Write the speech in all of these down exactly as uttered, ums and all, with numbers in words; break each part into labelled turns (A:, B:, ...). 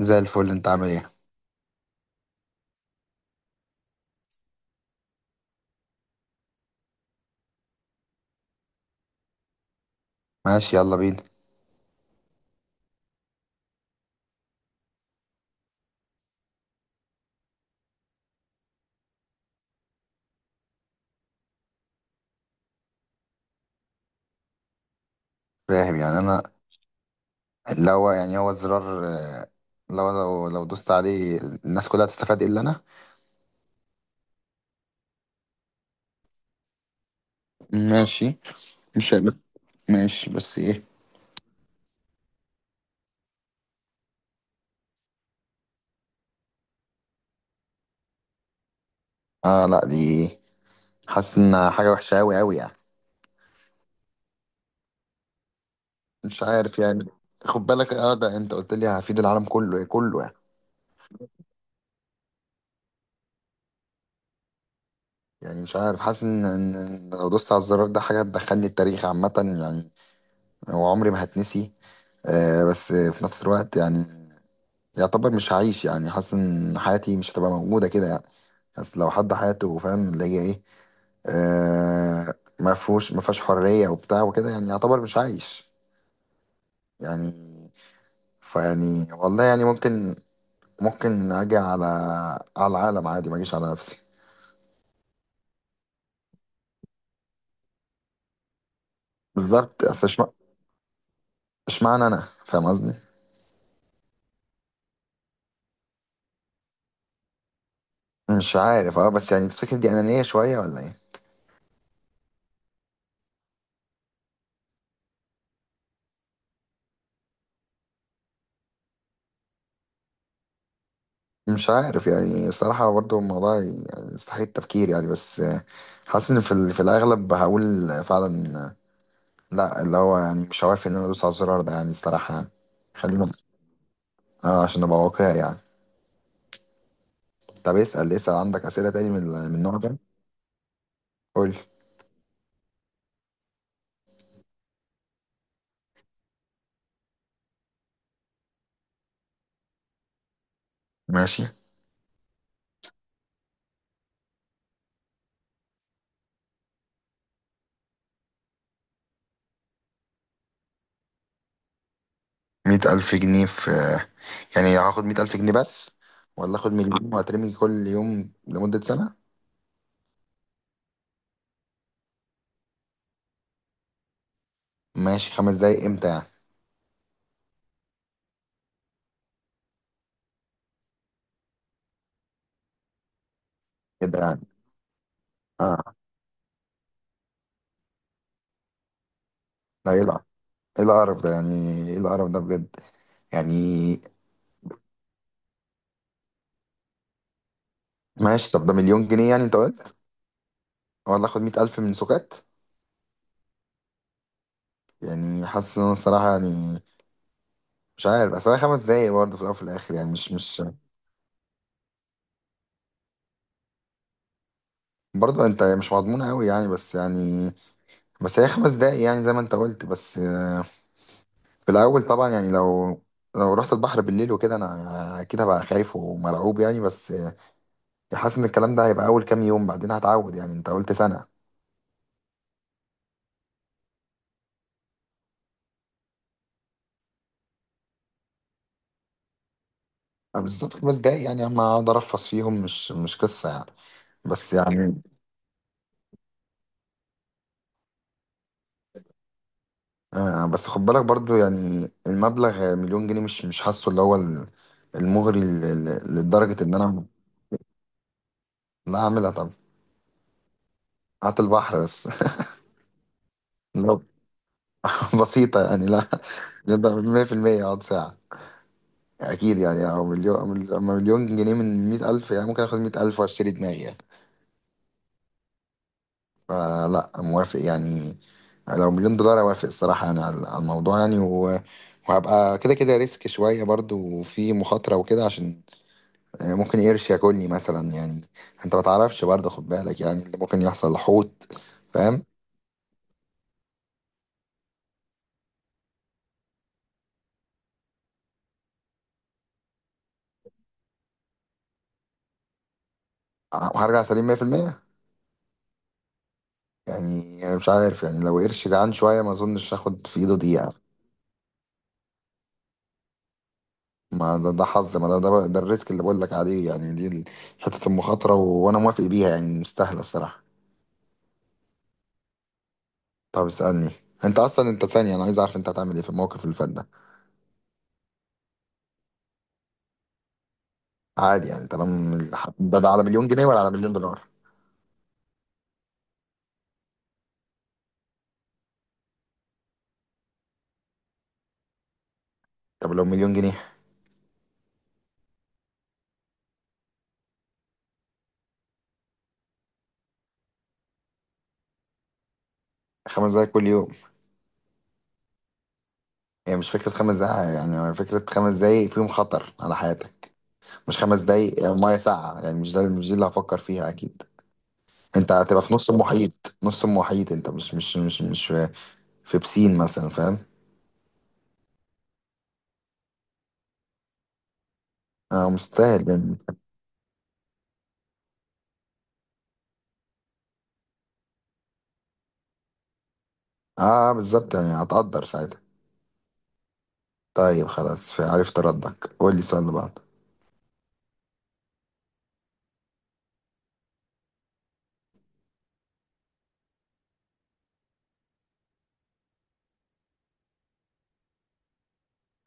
A: زي الفل، انت عامل ايه؟ ماشي، يلا بينا. فاهم يعني انا. اللي هو يعني هو الزرار، آه، لو لو لو دوست عليه، الناس كلها هتستفاد الا انا. ماشي. مش بس. ماشي، بس ايه؟ اه لا دي، حاسس ان حاجه وحشه قوي قوي يعني. مش عارف يعني. خد بالك، اه ده انت قلت لي هفيد العالم كله، إيه، كله يعني. يعني مش عارف، حاسس ان ان- ان لو دوست على الزرار ده حاجه تدخلني التاريخ عامه، يعني، وعمري ما هتنسي. آه بس في نفس الوقت يعني، يعتبر مش هعيش، يعني حاسس ان حياتي مش هتبقى موجودة كده يعني. بس لو حد حياته فاهم اللي هي ايه، آه، ما فيهوش ما فيهاش حرية وبتاع وكده، يعني يعتبر مش عايش يعني. فيعني والله يعني ممكن، ممكن اجي على، على العالم عادي، ما اجيش على نفسي. بالظبط، اصل اشمع- اشمعنى انا، فاهم قصدي؟ مش عارف، اه بس يعني تفتكر دي انانية شوية ولا ايه؟ مش عارف يعني، الصراحة برضه الموضوع يعني يستحيل التفكير يعني. بس حاسس إن في, ال- في الأغلب هقول فعلا لأ، اللي هو يعني مش هوافق إن أنا أدوس على الزرار ده، يعني الصراحة يعني. خلينا آه عشان أبقى واقعي يعني. طب اسأل اسأل، عندك أسئلة تاني من ال- من النوع ده؟ قول. ماشي. مية ألف جنيه في... يعني هاخد مية ألف جنيه بس، ولا آخد مليون وهترمي كل يوم لمدة سنة؟ ماشي، خمس دقايق إمتى يعني؟ كده يعني. آه. لا يلعب، إيه القرف ده يعني؟ إيه القرف ده بجد يعني؟ ماشي، طب ده مليون جنيه يعني انت قلت، ولا اخد مية ألف من سكات؟ يعني حاسس ان انا الصراحة يعني، مش عارف اصل هي خمس دقايق برضه في الأول وفي الآخر، يعني مش مش، برضه انت مش مضمون قوي يعني. بس يعني بس هي خمس دقايق، يعني زي ما انت قلت، بس آه، في الأول طبعا يعني، لو لو رحت البحر بالليل وكده انا اكيد هبقى خايف ومرعوب يعني، بس آه، حاسس ان الكلام ده هيبقى اول كام يوم بعدين هتعود، يعني انت قلت سنة. آه، بالظبط، خمس دقايق يعني، اما اقعد ارفس فيهم مش مش قصة يعني. بس يعني، آه بس خد بالك برضو يعني، المبلغ مليون جنيه مش مش حاسه اللي هو ال- المغري ل- ل- لدرجة إن أنا لا أعملها طبعا. هات البحر بس. لو بسيطة يعني، لا نقدر مية في المية أقعد ساعة أكيد يعني. أو مليون، أما مليون جنيه من مية ألف، يعني ممكن آخد مية ألف وأشتري دماغي يعني، فلا موافق يعني. لو مليون دولار أوافق الصراحة يعني على، على الموضوع يعني. و... وهبقى كده كده ريسك شوية برضو، وفي مخاطرة وكده، عشان يعني ممكن قرش ياكلني مثلا يعني. انت ما تعرفش برضه، خد بالك يعني اللي ممكن يحصل حوت. فاهم؟ هرجع سليم مية في المية يعني. أنا مش عارف يعني، لو قرش جعان شويه ما اظنش هاخد في ايده دي يعني. ما ده, ده حظ، ما ده, ده ده الريسك اللي بقول لك عليه، يعني دي ال- حته المخاطره، و... وانا موافق بيها يعني، مستاهله الصراحه. طب اسالني. انت اصلا، انت ثانيه انا عايز اعرف انت هتعمل ايه في الموقف اللي فات ده. عادي يعني، طالما ال- ده, ده على مليون جنيه ولا على مليون دولار؟ طب لو مليون جنيه؟ خمس دقايق كل يوم. هي مش فكرة خمس دقايق يعني، هي فكرة خمس دقايق فيهم خطر على حياتك، مش خمس دقايق يعني مية ساقعة يعني، مش ده، مش دي اللي هفكر فيها أكيد. أنت هتبقى في نص المحيط، نص المحيط، أنت مش مش مش مش في, في بسين مثلا، فاهم؟ أه مستاهل يعني. أه بالظبط يعني، هتقدر ساعتها. طيب خلاص عرفت ردك، قول لي السؤال اللي بعده.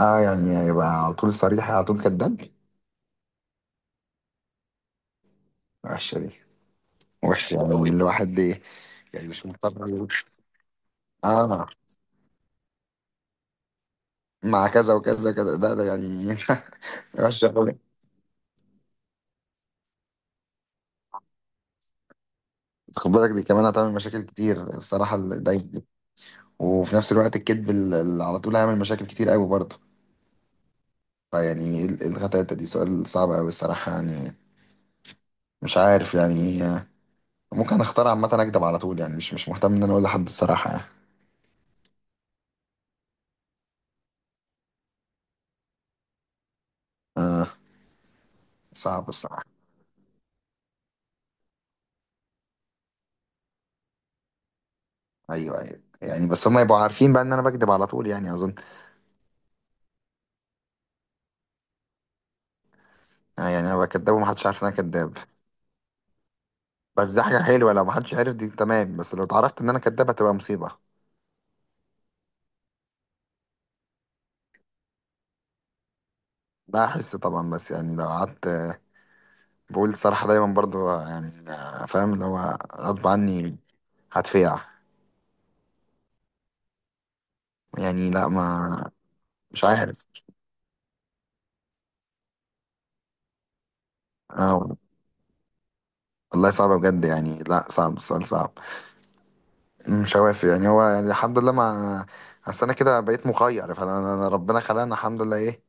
A: أه يعني، هيبقى على طول صريح، على طول كذاب. وحشة دي، وحشة يعني الواحد دي. يعني مش مضطر. اه. مع كذا وكذا وكذا، ده ده يعني وحش قوي، خد بالك دي كمان هتعمل مشاكل كتير الصراحه الدايت دي. وفي نفس الوقت الكذب ال- اللي على طول هيعمل مشاكل كتير قوي برضه. فيعني ايه ال- الغتاتة دي؟ سؤال صعب قوي الصراحه يعني، مش عارف يعني إيه. ممكن اختار عامه اكدب على طول، يعني مش مش مهتم ان انا اقول لحد الصراحه يعني. صعب الصراحه. ايوه، ايوه يعني، بس هم يبقوا عارفين بقى ان انا بكدب على طول يعني، اظن. يعني، يعني انا بكدب ومحدش عارف ان انا كداب؟ بس دي حاجه حلوه لو محدش عارف، دي تمام. بس لو اتعرفت ان انا كداب هتبقى مصيبه. لا احس طبعا، بس يعني لو قعدت بقول الصراحه دايما برضو يعني، فاهم اللي هو غصب عني، هتفيع. يعني لا ما... مش عارف. اه، والله صعبة بجد يعني، لا صعب، السؤال صعب. مش هوافق يعني، هو يعني الحمد لله، ما اصل انا كده بقيت مخير، فانا أنا- أنا ربنا خلقنا الحمد لله ايه،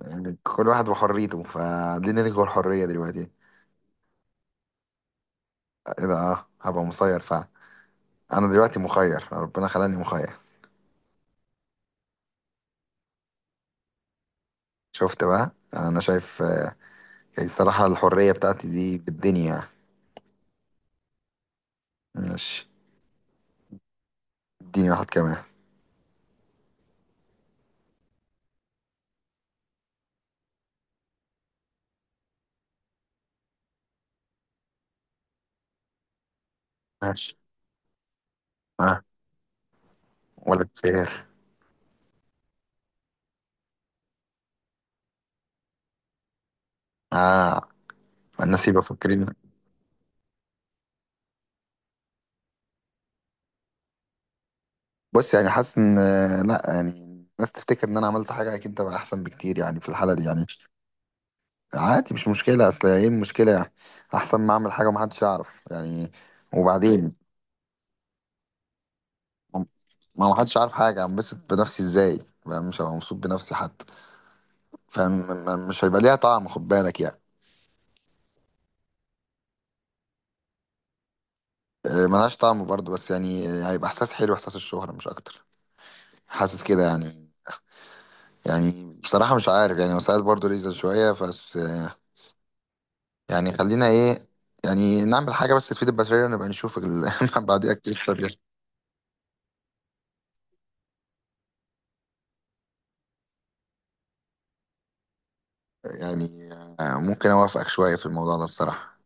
A: يعني كل واحد وحريته، فدي نلغي الحرية دلوقتي. ايه ده؟ اه هبقى مسير فعلا، انا دلوقتي مخير ربنا خلاني مخير. شفت بقى؟ يعني انا شايف يعني الصراحة الحرية بتاعتي دي بالدنيا يعني. ماشي. اديني واحد كمان. ماشي. اه. ولا كتير. اه. الناس يبقى فاكرين. بص يعني، حاسس ان لا يعني الناس تفتكر ان انا عملت حاجة، اكيد تبقى احسن بكتير يعني في الحالة دي يعني. عادي، مش مشكلة، اصل ايه المشكلة يعني؟ احسن ما اعمل حاجة ومحدش يعرف يعني. وبعدين ما محدش عارف حاجة، انبسط بنفسي ازاي بقى؟ مش هبقى مبسوط بنفسي حتى، فمش هيبقى ليها طعم، خد بالك يعني. آه، ملهاش طعم برضه، بس يعني آه، هيبقى احساس حلو، احساس الشهرة مش اكتر، حاسس كده يعني. يعني بصراحة مش عارف يعني، وساعات برضه ليزر شوية، بس آه، يعني خلينا ايه، يعني نعمل حاجة بس تفيد البشرية ونبقى نشوف ال... بعديها كتير. يعني آه، ممكن اوافقك شوية في الموضوع ده الصراحة.